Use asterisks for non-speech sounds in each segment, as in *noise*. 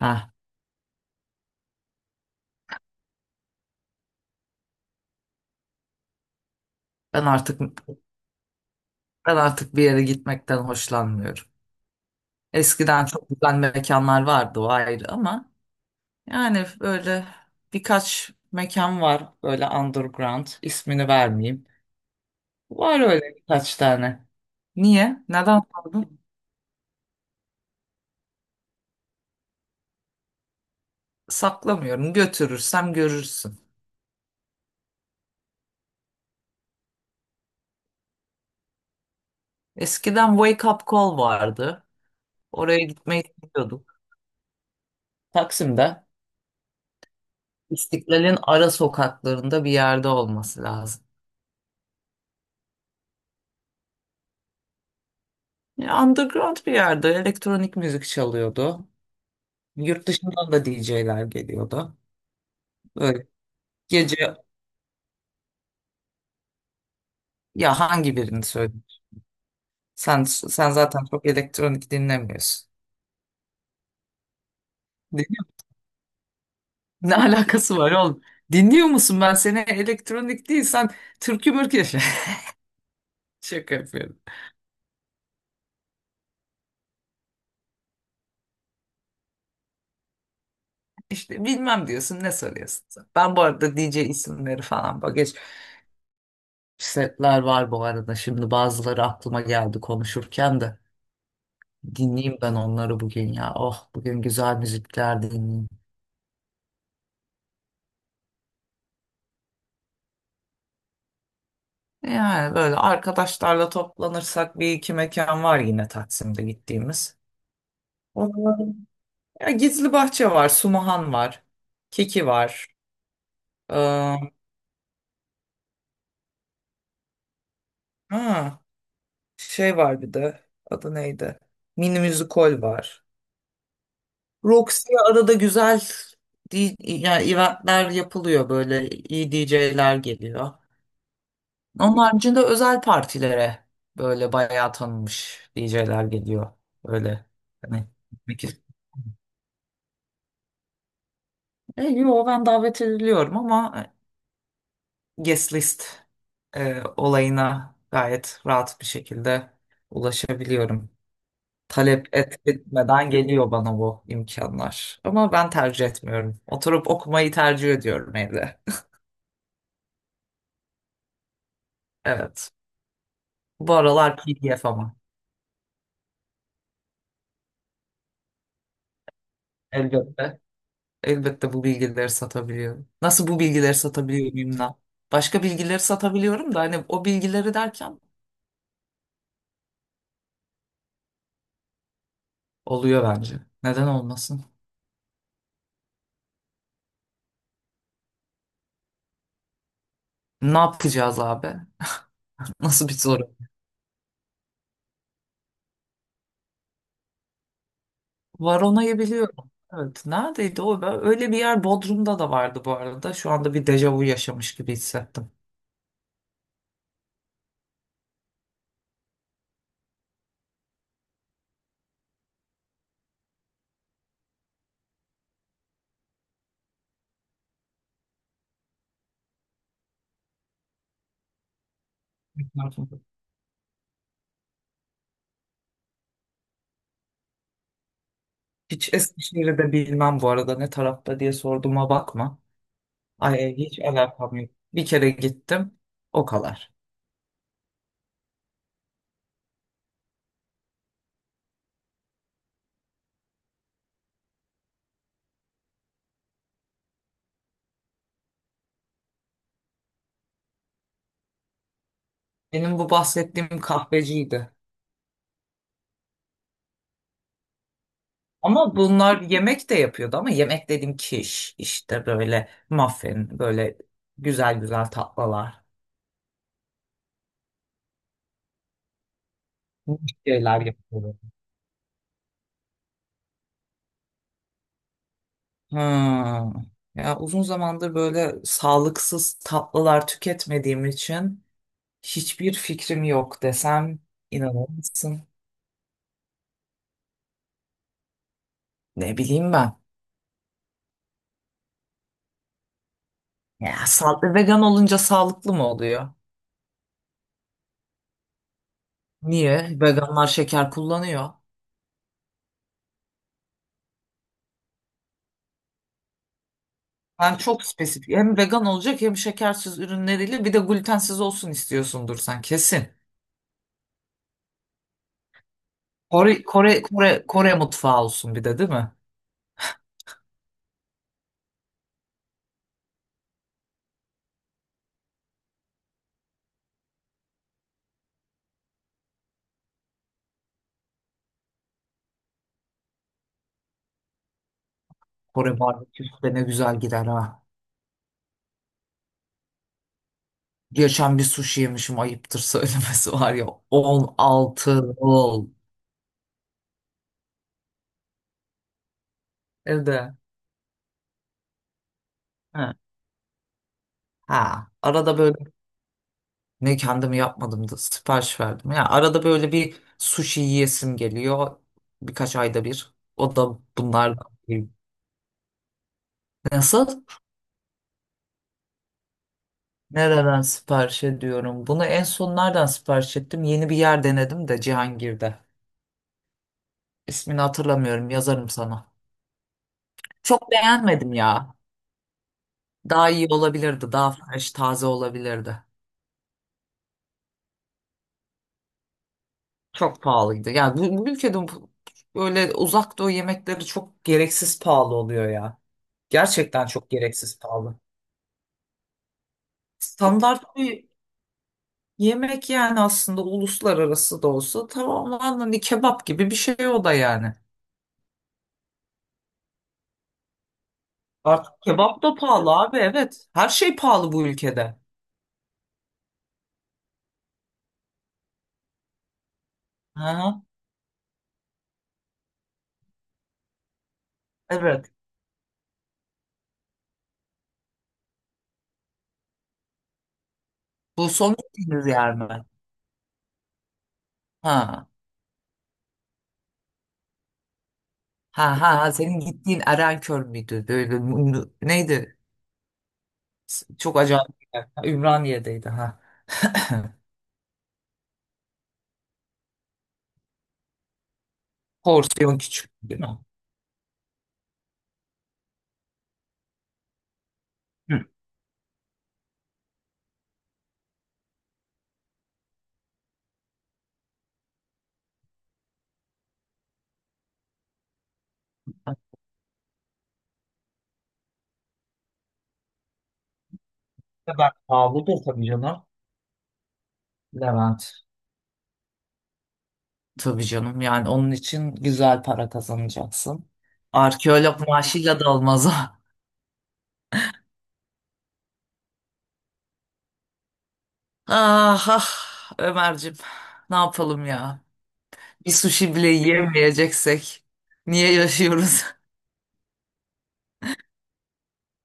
Ha, ben artık ben artık bir yere gitmekten hoşlanmıyorum. Eskiden çok güzel mekanlar vardı, o ayrı, ama yani böyle birkaç mekan var, böyle underground, ismini vermeyeyim. Var öyle birkaç tane. Niye? Neden sordun? Saklamıyorum. Götürürsem görürsün. Eskiden Wake Up Call vardı. Oraya gitmeyi istiyorduk. Taksim'de, İstiklal'in ara sokaklarında bir yerde olması lazım. Ya, Underground bir yerde elektronik müzik çalıyordu. Yurt dışından da DJ'ler geliyordu. Böyle gece, ya hangi birini söyleyeyim? Sen zaten çok elektronik dinlemiyorsun. Dinliyor- ne alakası var oğlum? Dinliyor musun? Ben seni elektronik değil, sen türkü mürkü yaşa. *laughs* Şaka yapıyorum. İşte bilmem diyorsun, ne soruyorsun sen? Ben bu arada DJ isimleri falan, bak, geç. Setler var bu arada, şimdi bazıları aklıma geldi konuşurken de. Dinleyeyim ben onları bugün ya. Oh, bugün güzel müzikler dinleyeyim. Yani böyle arkadaşlarla toplanırsak bir iki mekan var yine Taksim'de gittiğimiz. Onların- ya Gizli Bahçe var, Sumahan var, Kiki var. Ee, ha, şey var bir de, adı neydi? Mini Müzikol var. Roxy'ye arada güzel di- yani eventler yapılıyor, böyle iyi DJ'ler geliyor. Onun haricinde özel partilere böyle bayağı tanınmış DJ'ler geliyor. Öyle, hani, peki. E, yo, ben davet ediliyorum ama guest list olayına gayet rahat bir şekilde ulaşabiliyorum. Talep et etmeden geliyor bana bu imkanlar. Ama ben tercih etmiyorum. Oturup okumayı tercih ediyorum evde. Evet. Bu aralar PDF ama. Elbette. Elbette bu bilgileri satabiliyorum. Nasıl bu bilgileri satabiliyorum bilmem. Başka bilgileri satabiliyorum da, hani o bilgileri derken oluyor bence. Neden olmasın? Ne yapacağız abi? *laughs* Nasıl bir soru? Varona'yı biliyorum. Evet. Neredeydi o? Ben- öyle bir yer Bodrum'da da vardı bu arada. Şu anda bir dejavu yaşamış gibi hissettim. *laughs* Hiç Eskişehir'i de bilmem bu arada, ne tarafta diye sorduğuma bakma. Ay, hiç alakam yok. Bir kere gittim. O kadar. Benim bu bahsettiğim kahveciydi. Ama bunlar yemek de yapıyordu, ama yemek dediğim kiş işte, böyle muffin, böyle güzel güzel tatlılar, bu şeyler yapıyordu. Hmm. Ya uzun zamandır böyle sağlıksız tatlılar tüketmediğim için hiçbir fikrim yok desem inanır mısın? Ne bileyim ben. Ya sağlıklı vegan olunca sağlıklı mı oluyor? Niye? Veganlar şeker kullanıyor. Ben çok spesifik. Hem vegan olacak, hem şekersiz ürünleriyle, bir de glutensiz olsun istiyorsundur sen kesin. Kore mutfağı olsun bir de değil mi? Kore barbeküsü de ne güzel gider ha. Geçen bir sushi yemişim, ayıptır söylemesi, var ya. 16 rol. Evde. Ha. Ha. Arada böyle, ne kendimi yapmadım da sipariş verdim. Ya arada böyle bir sushi yiyesim geliyor. Birkaç ayda bir. O da bunlar. Nasıl? Nereden sipariş ediyorum? Bunu en son nereden sipariş ettim? Yeni bir yer denedim de Cihangir'de. İsmini hatırlamıyorum, yazarım sana. Çok beğenmedim ya. Daha iyi olabilirdi, daha fresh, taze olabilirdi. Çok pahalıydı. Yani bu ülkede bu- böyle uzak doğu yemekleri çok gereksiz pahalı oluyor ya. Gerçekten çok gereksiz pahalı. Standart bir yemek yani, aslında uluslararası da olsa, tamamen hani kebap gibi bir şey o da yani. Artık kebap da pahalı abi, evet. Her şey pahalı bu ülkede. Ha, evet. Bu son gittiğiniz yer mi? Ha. Ha ha ha. Senin gittiğin Erenköy müydü? Böyle m- m- neydi? S- çok acayip bir yer. Ha, Ümraniye'deydi ha. *laughs* Porsiyon küçük değil mi? Hı. Ne pahalıdır tabii canım. Levent. Tabii canım, yani onun için güzel para kazanacaksın. Arkeolog maaşıyla da olmaz o. *laughs* Ah ah, Ömerciğim, ne yapalım ya? Bir sushi bile yiyemeyeceksek niye yaşıyoruz? *laughs*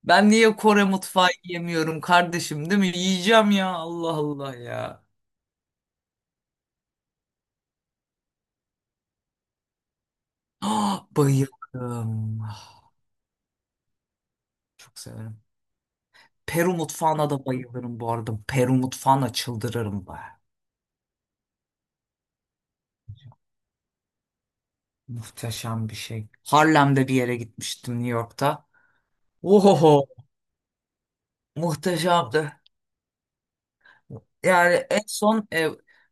Ben niye Kore mutfağı yiyemiyorum kardeşim değil mi? Yiyeceğim ya, Allah Allah ya. *gasps* Ah, bayılırım. Ah, çok severim. Peru mutfağına da bayılırım bu arada. Peru mutfağına çıldırırım be. Muhteşem bir şey. Harlem'de bir yere gitmiştim, New York'ta. Ohoho, muhteşemdi. Yani en son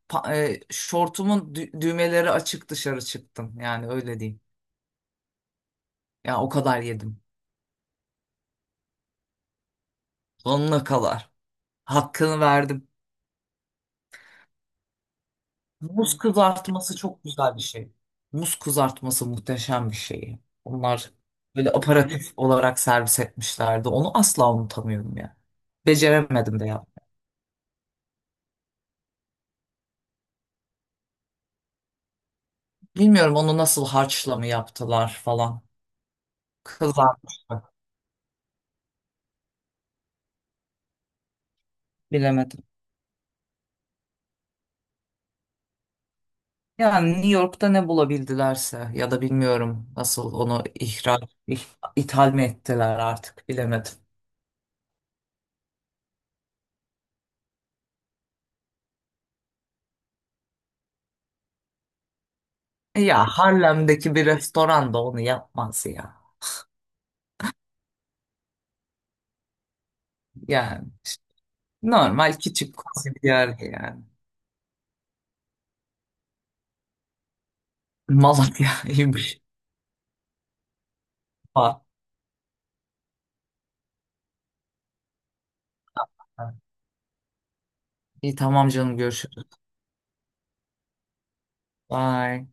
pa- şortumun dü- düğmeleri açık dışarı çıktım. Yani öyle diyeyim. Ya o kadar yedim. Sonuna kadar. Hakkını verdim. Muz kızartması çok güzel bir şey. Muz kızartması muhteşem bir şey. Onlar böyle aparatif olarak servis etmişlerdi. Onu asla unutamıyorum ya. Beceremedim de ya. Bilmiyorum onu nasıl, harçla mı yaptılar falan. Kızarmış mı? Bilemedim. Yani New York'ta ne bulabildilerse ya da, bilmiyorum nasıl onu ihraç, ih- ithal mi ettiler, artık bilemedim. E ya, Harlem'deki bir restoran da onu yapmaz ya. Yani işte normal küçük koca bir yer yani. Malatya'ymış. Aa, *laughs* İyi tamam canım, görüşürüz. Bye.